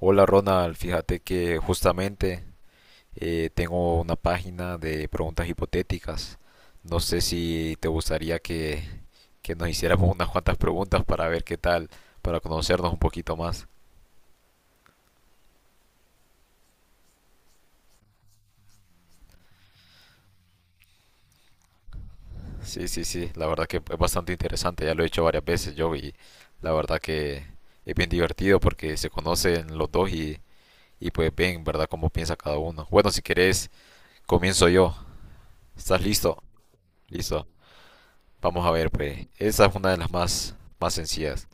Hola Ronald, fíjate que justamente tengo una página de preguntas hipotéticas. No sé si te gustaría que nos hiciéramos unas cuantas preguntas para ver qué tal, para conocernos un poquito más. Sí, sí, sí, la verdad que es bastante interesante, ya lo he hecho varias veces yo y la verdad que es bien divertido porque se conocen los dos y pues ven, ¿verdad?, cómo piensa cada uno. Bueno, si querés, comienzo yo. ¿Estás listo? Listo. Vamos a ver, pues, esa es una de las más sencillas,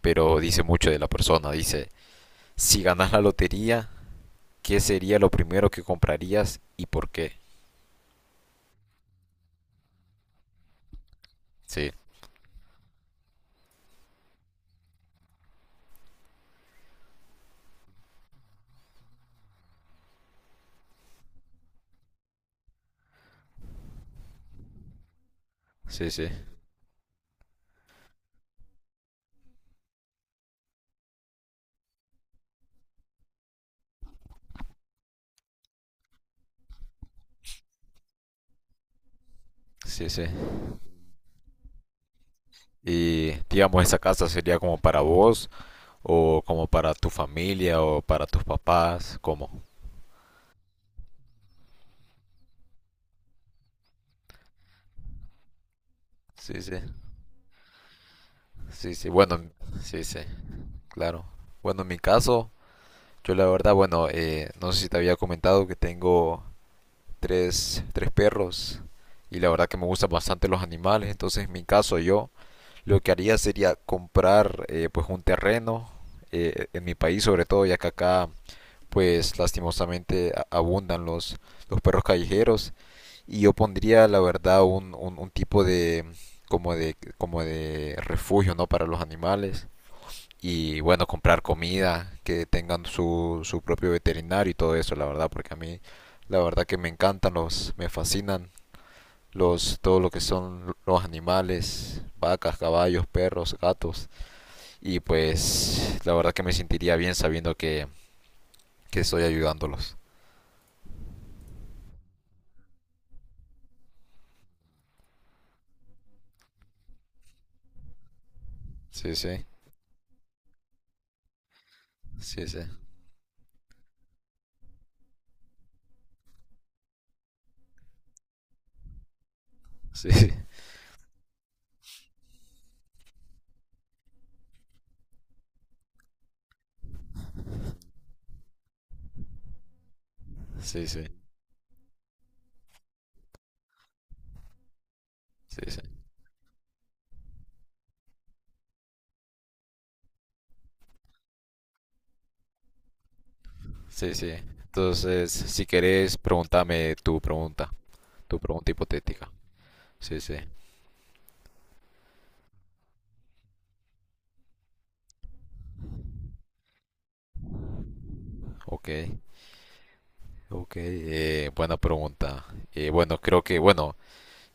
pero dice mucho de la persona. Dice, si ganas la lotería, ¿qué sería lo primero que comprarías y por qué? Sí, sí, sí, sí, sí. Y digamos, esa casa sería como para vos o como para tu familia o para tus papás, ¿cómo? Sí, sí, sí, sí. Bueno, sí, sí, claro. Bueno, en mi caso, yo la verdad, bueno, no sé si te había comentado que tengo tres perros y la verdad que me gustan bastante los animales, entonces en mi caso yo lo que haría sería comprar pues un terreno en mi país sobre todo, ya que acá pues lastimosamente abundan los perros callejeros y yo pondría la verdad un tipo de como de refugio, ¿no?, para los animales y bueno, comprar comida, que tengan su propio veterinario y todo eso, la verdad, porque a mí la verdad que me encantan los, me fascinan los, todo lo que son los animales, vacas, caballos, perros, gatos, y pues la verdad que me sentiría bien sabiendo que estoy ayudándolos. Sí, sí, sí, sí, sí, sí, sí, sí, sí, sí, sí. Entonces, si querés, pregúntame tu pregunta hipotética. Sí, sí, ok. Ok, buena pregunta. Bueno, creo bueno,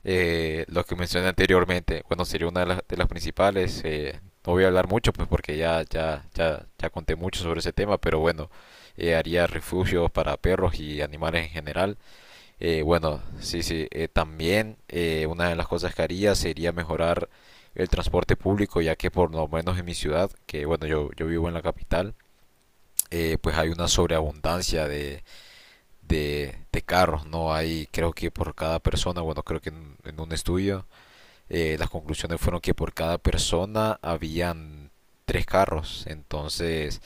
lo que mencioné anteriormente, bueno, sería una de de las principales. No voy a hablar mucho, pues porque ya conté mucho sobre ese tema, pero bueno, haría refugios para perros y animales en general. Bueno, sí, sí, también una de las cosas que haría sería mejorar el transporte público, ya que por lo menos en mi ciudad, que bueno, yo vivo en la capital, pues hay una sobreabundancia de carros, ¿no? Hay, creo que por cada persona, bueno, creo que en un estudio, las conclusiones fueron que por cada persona habían tres carros. Entonces,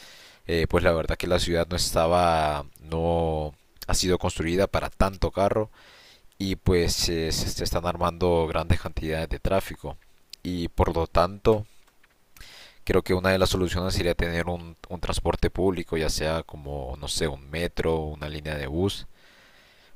pues la verdad que la ciudad no estaba, no ha sido construida para tanto carro y pues se están armando grandes cantidades de tráfico. Y por lo tanto, creo que una de las soluciones sería tener un transporte público, ya sea como, no sé, un metro, una línea de bus,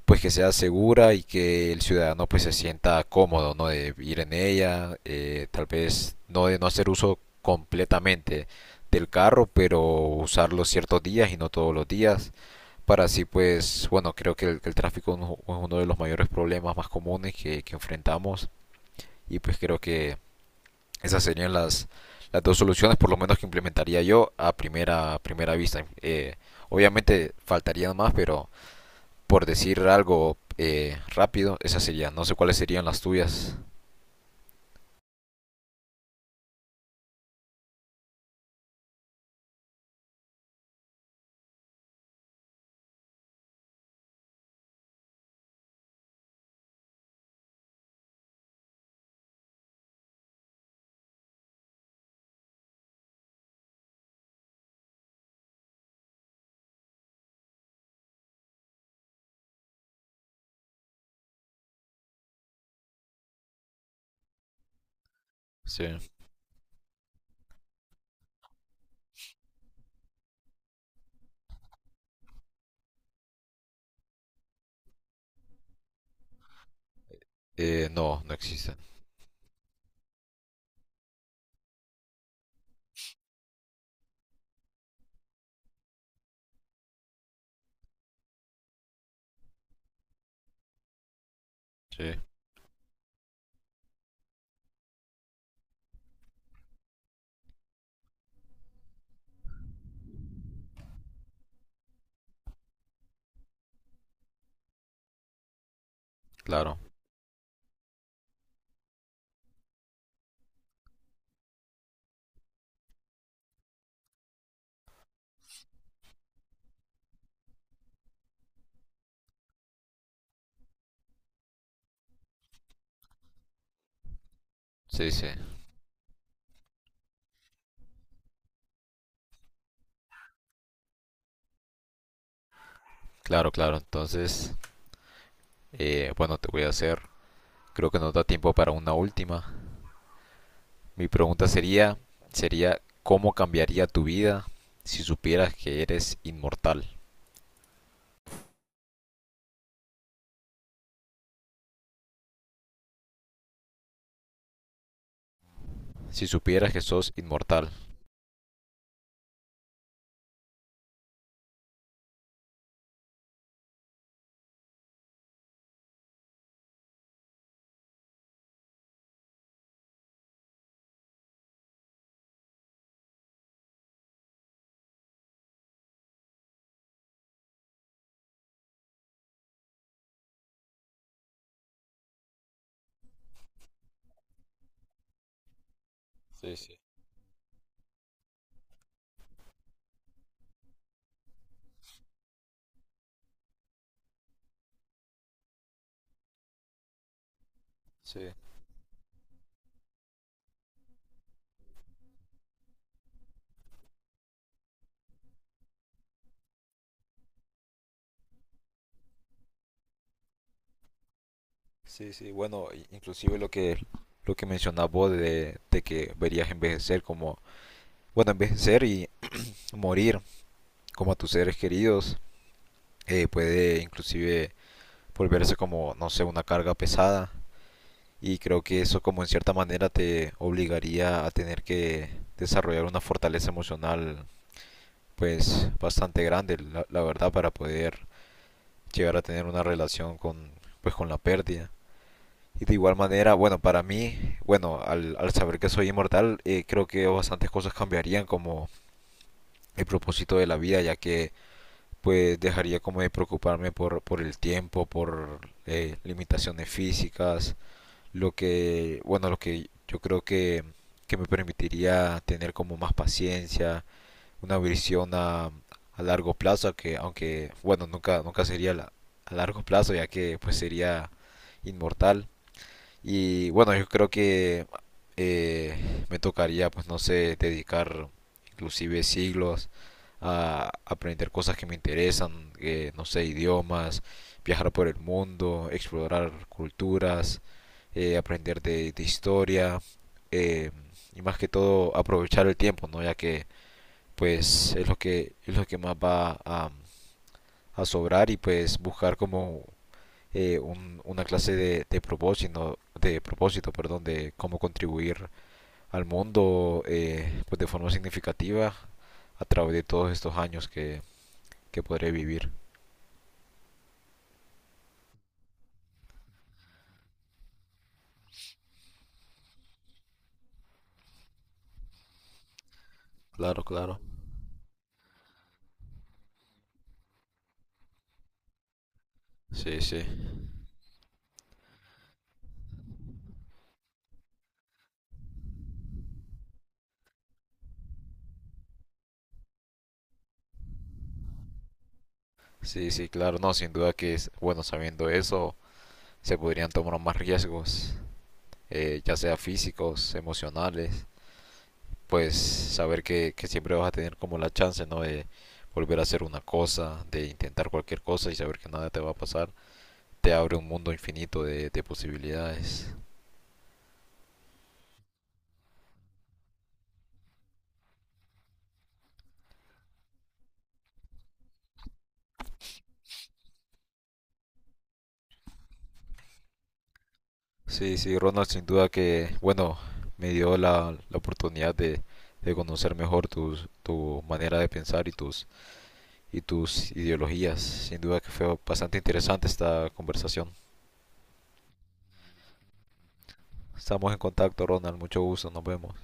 pues que sea segura y que el ciudadano pues se sienta cómodo, ¿no?, de ir en ella, tal vez no de no hacer uso completamente del carro, pero usarlo ciertos días y no todos los días. Para así, pues, bueno, creo que el tráfico es uno de los mayores problemas más comunes que enfrentamos y pues creo que esas serían las dos soluciones, por lo menos que implementaría yo a a primera vista. Obviamente faltarían más, pero por decir algo rápido, esa sería. No sé cuáles serían las tuyas. Sí. No, no existen. Sí. Claro. Sí, sí. Claro, claro. Entonces, bueno, te voy a hacer. Creo que nos da tiempo para una última. Mi pregunta sería, ¿cómo cambiaría tu vida si supieras que eres inmortal? Si supieras que sos inmortal. Sí, sí. Sí, sí, sí. Bueno, inclusive lo que mencionabas vos de que verías envejecer como, bueno, envejecer y morir como a tus seres queridos. Puede inclusive volverse como, no sé, una carga pesada. Y creo que eso como en cierta manera te obligaría a tener que desarrollar una fortaleza emocional pues bastante grande, la verdad, para poder llegar a tener una relación con, pues, con la pérdida. Y de igual manera, bueno, para mí, bueno, al saber que soy inmortal, creo que bastantes cosas cambiarían como el propósito de la vida, ya que pues dejaría como de preocuparme por el tiempo, por limitaciones físicas, lo que, bueno, lo que yo creo que me permitiría tener como más paciencia, una visión a largo plazo, que aunque, bueno, nunca sería a largo plazo, ya que pues sería inmortal, y bueno, yo creo que eh, me tocaría, pues no sé, dedicar inclusive siglos a aprender cosas que me interesan, no sé, idiomas, viajar por el mundo, explorar culturas, aprender de historia, eh, y más que todo aprovechar el tiempo, ¿no? Ya que pues es lo que más va a sobrar y pues buscar como una clase de propósito, perdón, de cómo contribuir al mundo, pues de forma significativa a través de todos estos años que podré vivir. Claro, claro. Sí, sí, sí, sí, claro, no, sin duda que es bueno sabiendo eso, se podrían tomar más riesgos, ya sea físicos, emocionales, pues saber que siempre vas a tener como la chance, ¿no?, de volver a hacer una cosa, de intentar cualquier cosa y saber que nada te va a pasar te abre un mundo infinito de posibilidades. Sí, sí, Ronald, sin duda que, bueno, me dio la oportunidad de conocer mejor tus, tu manera de pensar y tus ideologías. Sin duda que fue bastante interesante esta conversación. Estamos en contacto, Ronald. Mucho gusto. Nos vemos.